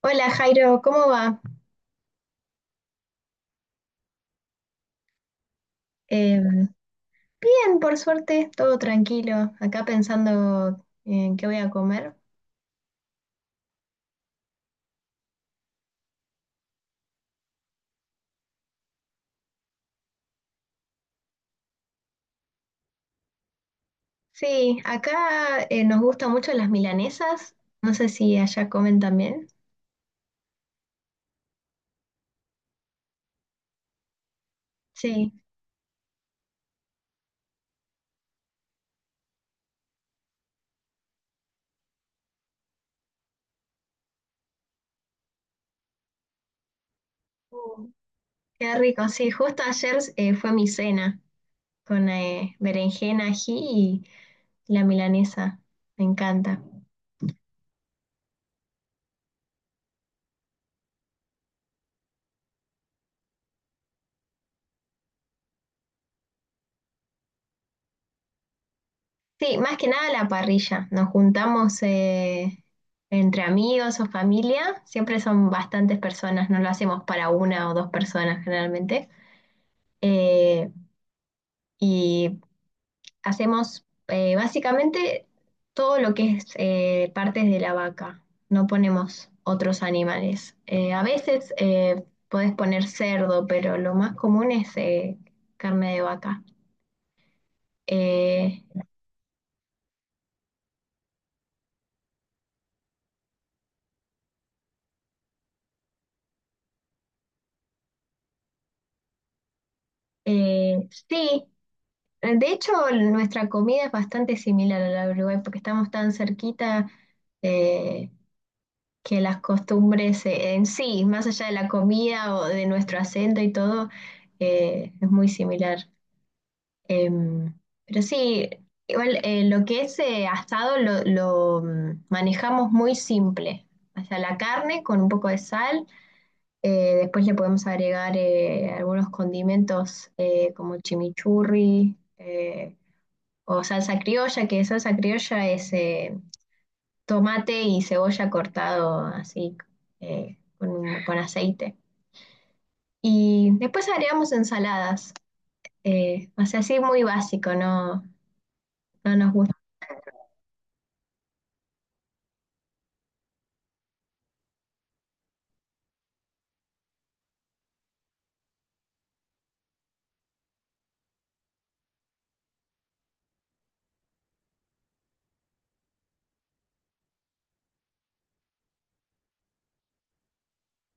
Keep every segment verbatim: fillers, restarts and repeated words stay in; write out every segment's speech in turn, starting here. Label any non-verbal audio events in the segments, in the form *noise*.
Hola Jairo, ¿cómo va? Eh, Bien, por suerte, todo tranquilo. Acá pensando en qué voy a comer. Sí, acá eh, nos gustan mucho las milanesas. No sé si allá comen también. Sí. Uh. Qué rico. Sí, justo ayer eh, fue mi cena con eh, berenjena, ají y la milanesa. Me encanta. Sí, más que nada la parrilla. Nos juntamos eh, entre amigos o familia. Siempre son bastantes personas, no lo hacemos para una o dos personas generalmente. Eh, y hacemos eh, básicamente todo lo que es eh, partes de la vaca. No ponemos otros animales. Eh, a veces eh, podés poner cerdo, pero lo más común es eh, carne de vaca. Eh, eh, sí. Eh, De hecho, nuestra comida es bastante similar a la de Uruguay porque estamos tan cerquita eh, que las costumbres eh, en sí, más allá de la comida o de nuestro acento y todo, eh, es muy similar. Em, pero sí, igual eh, lo que es eh, asado lo, lo, mm, manejamos muy simple. O sea, la carne con un poco de sal, eh, después le podemos agregar eh, algunos condimentos eh, como chimichurri, eh, o salsa criolla, que salsa criolla es eh, tomate y cebolla cortado así eh, con, con aceite. Y después agregamos ensaladas, eh, o sea, así muy básico, no, no nos gusta.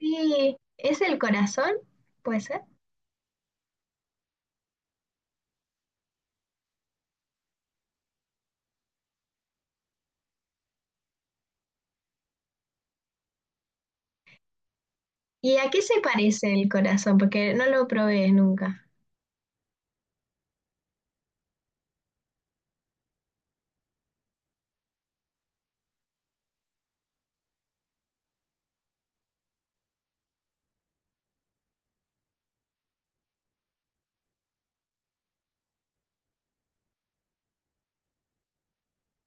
Sí, ¿es el corazón? ¿Puede ser? ¿Y a qué se parece el corazón? Porque no lo probé nunca.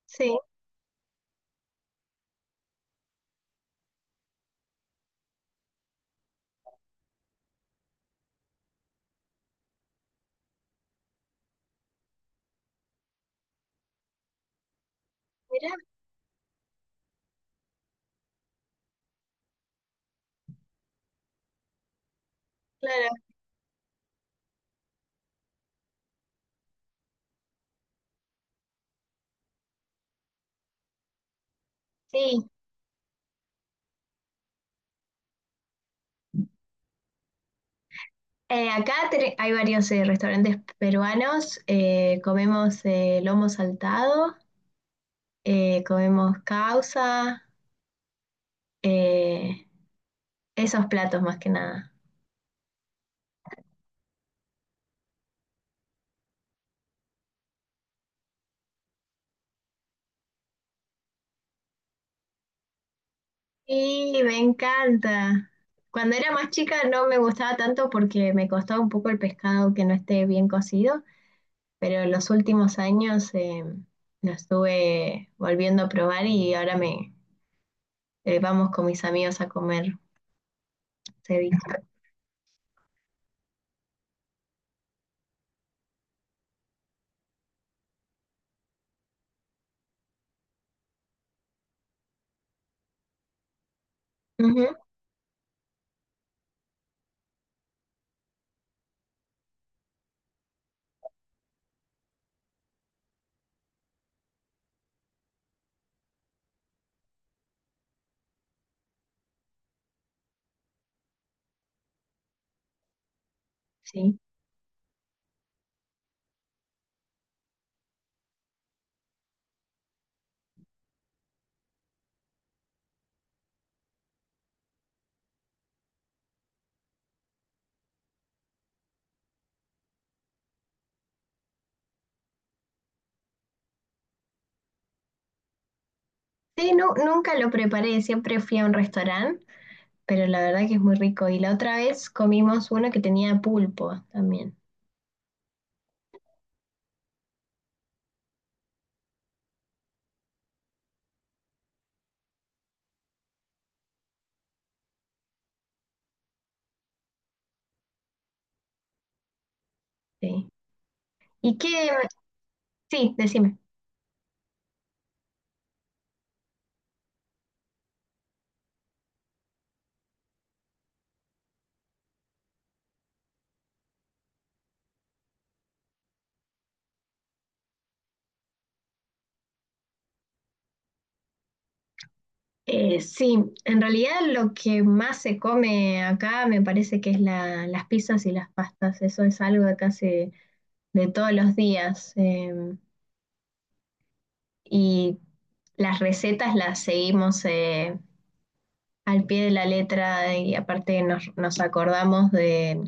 Sí, mirá, claro, sí. Eh, acá te- hay varios eh, restaurantes peruanos, eh, comemos eh, lomo saltado, eh, comemos causa, eh, esos platos más que nada. Y me encanta. Cuando era más chica no me gustaba tanto porque me costaba un poco el pescado que no esté bien cocido, pero en los últimos años eh, lo estuve volviendo a probar y ahora me, eh, vamos con mis amigos a comer ceviche. Ujú, sí. Sí, nu- nunca lo preparé, siempre fui a un restaurante, pero la verdad que es muy rico. Y la otra vez comimos uno que tenía pulpo también. Sí. Y qué, sí, decime. Eh, sí, en realidad lo que más se come acá me parece que es la- las pizzas y las pastas. Eso es algo de casi de todos los días, eh, y las recetas las seguimos eh, al pie de la letra y aparte nos, nos acordamos de...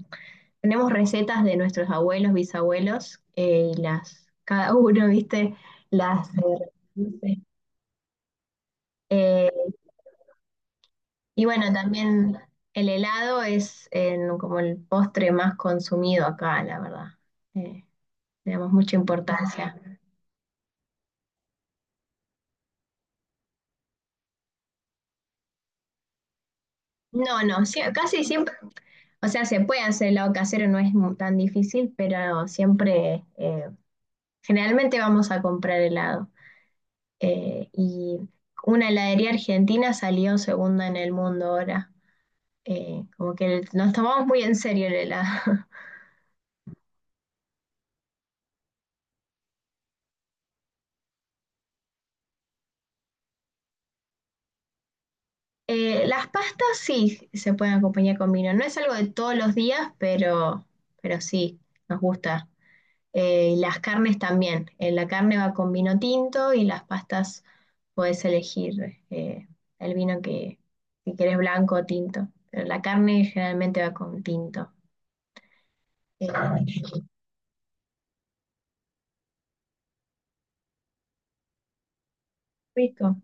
Tenemos recetas de nuestros abuelos, bisabuelos, eh, y las, cada uno, *laughs* viste, las... eh, reproduce. Y bueno, también el helado es en- como el postre más consumido acá, la verdad. Eh, Le damos mucha importancia. No, no, sí, casi siempre, o sea, se puede hacer helado casero, no es mu- tan difícil, pero siempre, eh, generalmente vamos a comprar helado. Eh, y una heladería argentina salió segunda en el mundo ahora. Eh, como que el- nos tomamos muy en serio el helado. *laughs* Eh, las pastas sí se pueden acompañar con vino. No es algo de todos los días, pero, pero sí, nos gusta. Eh, y las carnes también. Eh, la carne va con vino tinto y las pastas puedes elegir eh, el vino que, si quieres blanco o tinto. Pero la carne generalmente va con tinto. Eh, Ah, rico.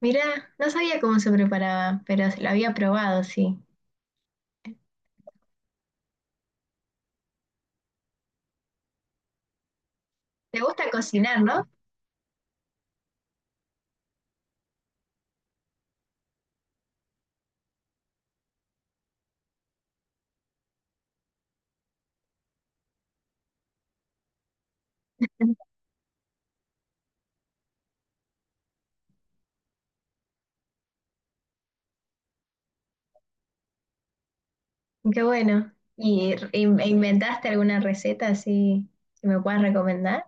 Mirá, no sabía cómo se preparaba, pero lo había probado, sí. ¿Te gusta cocinar, no? Qué bueno. ¿Y re- in- e inventaste alguna receta así que me puedas recomendar?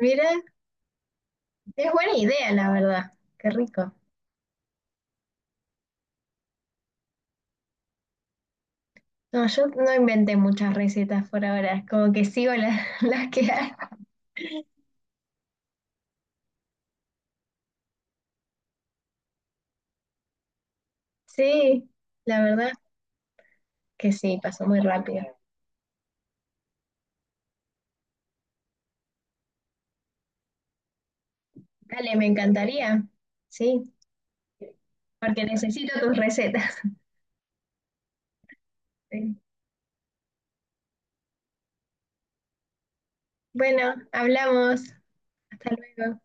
Mira, es buena idea, la verdad. Qué rico. No, yo no inventé muchas recetas por ahora, como que sigo las, *laughs* las que hay. Sí, la verdad que sí, pasó muy rápido. Dale, me encantaría. Sí, porque necesito tus recetas. *laughs* Sí. Bueno, hablamos. Hasta luego.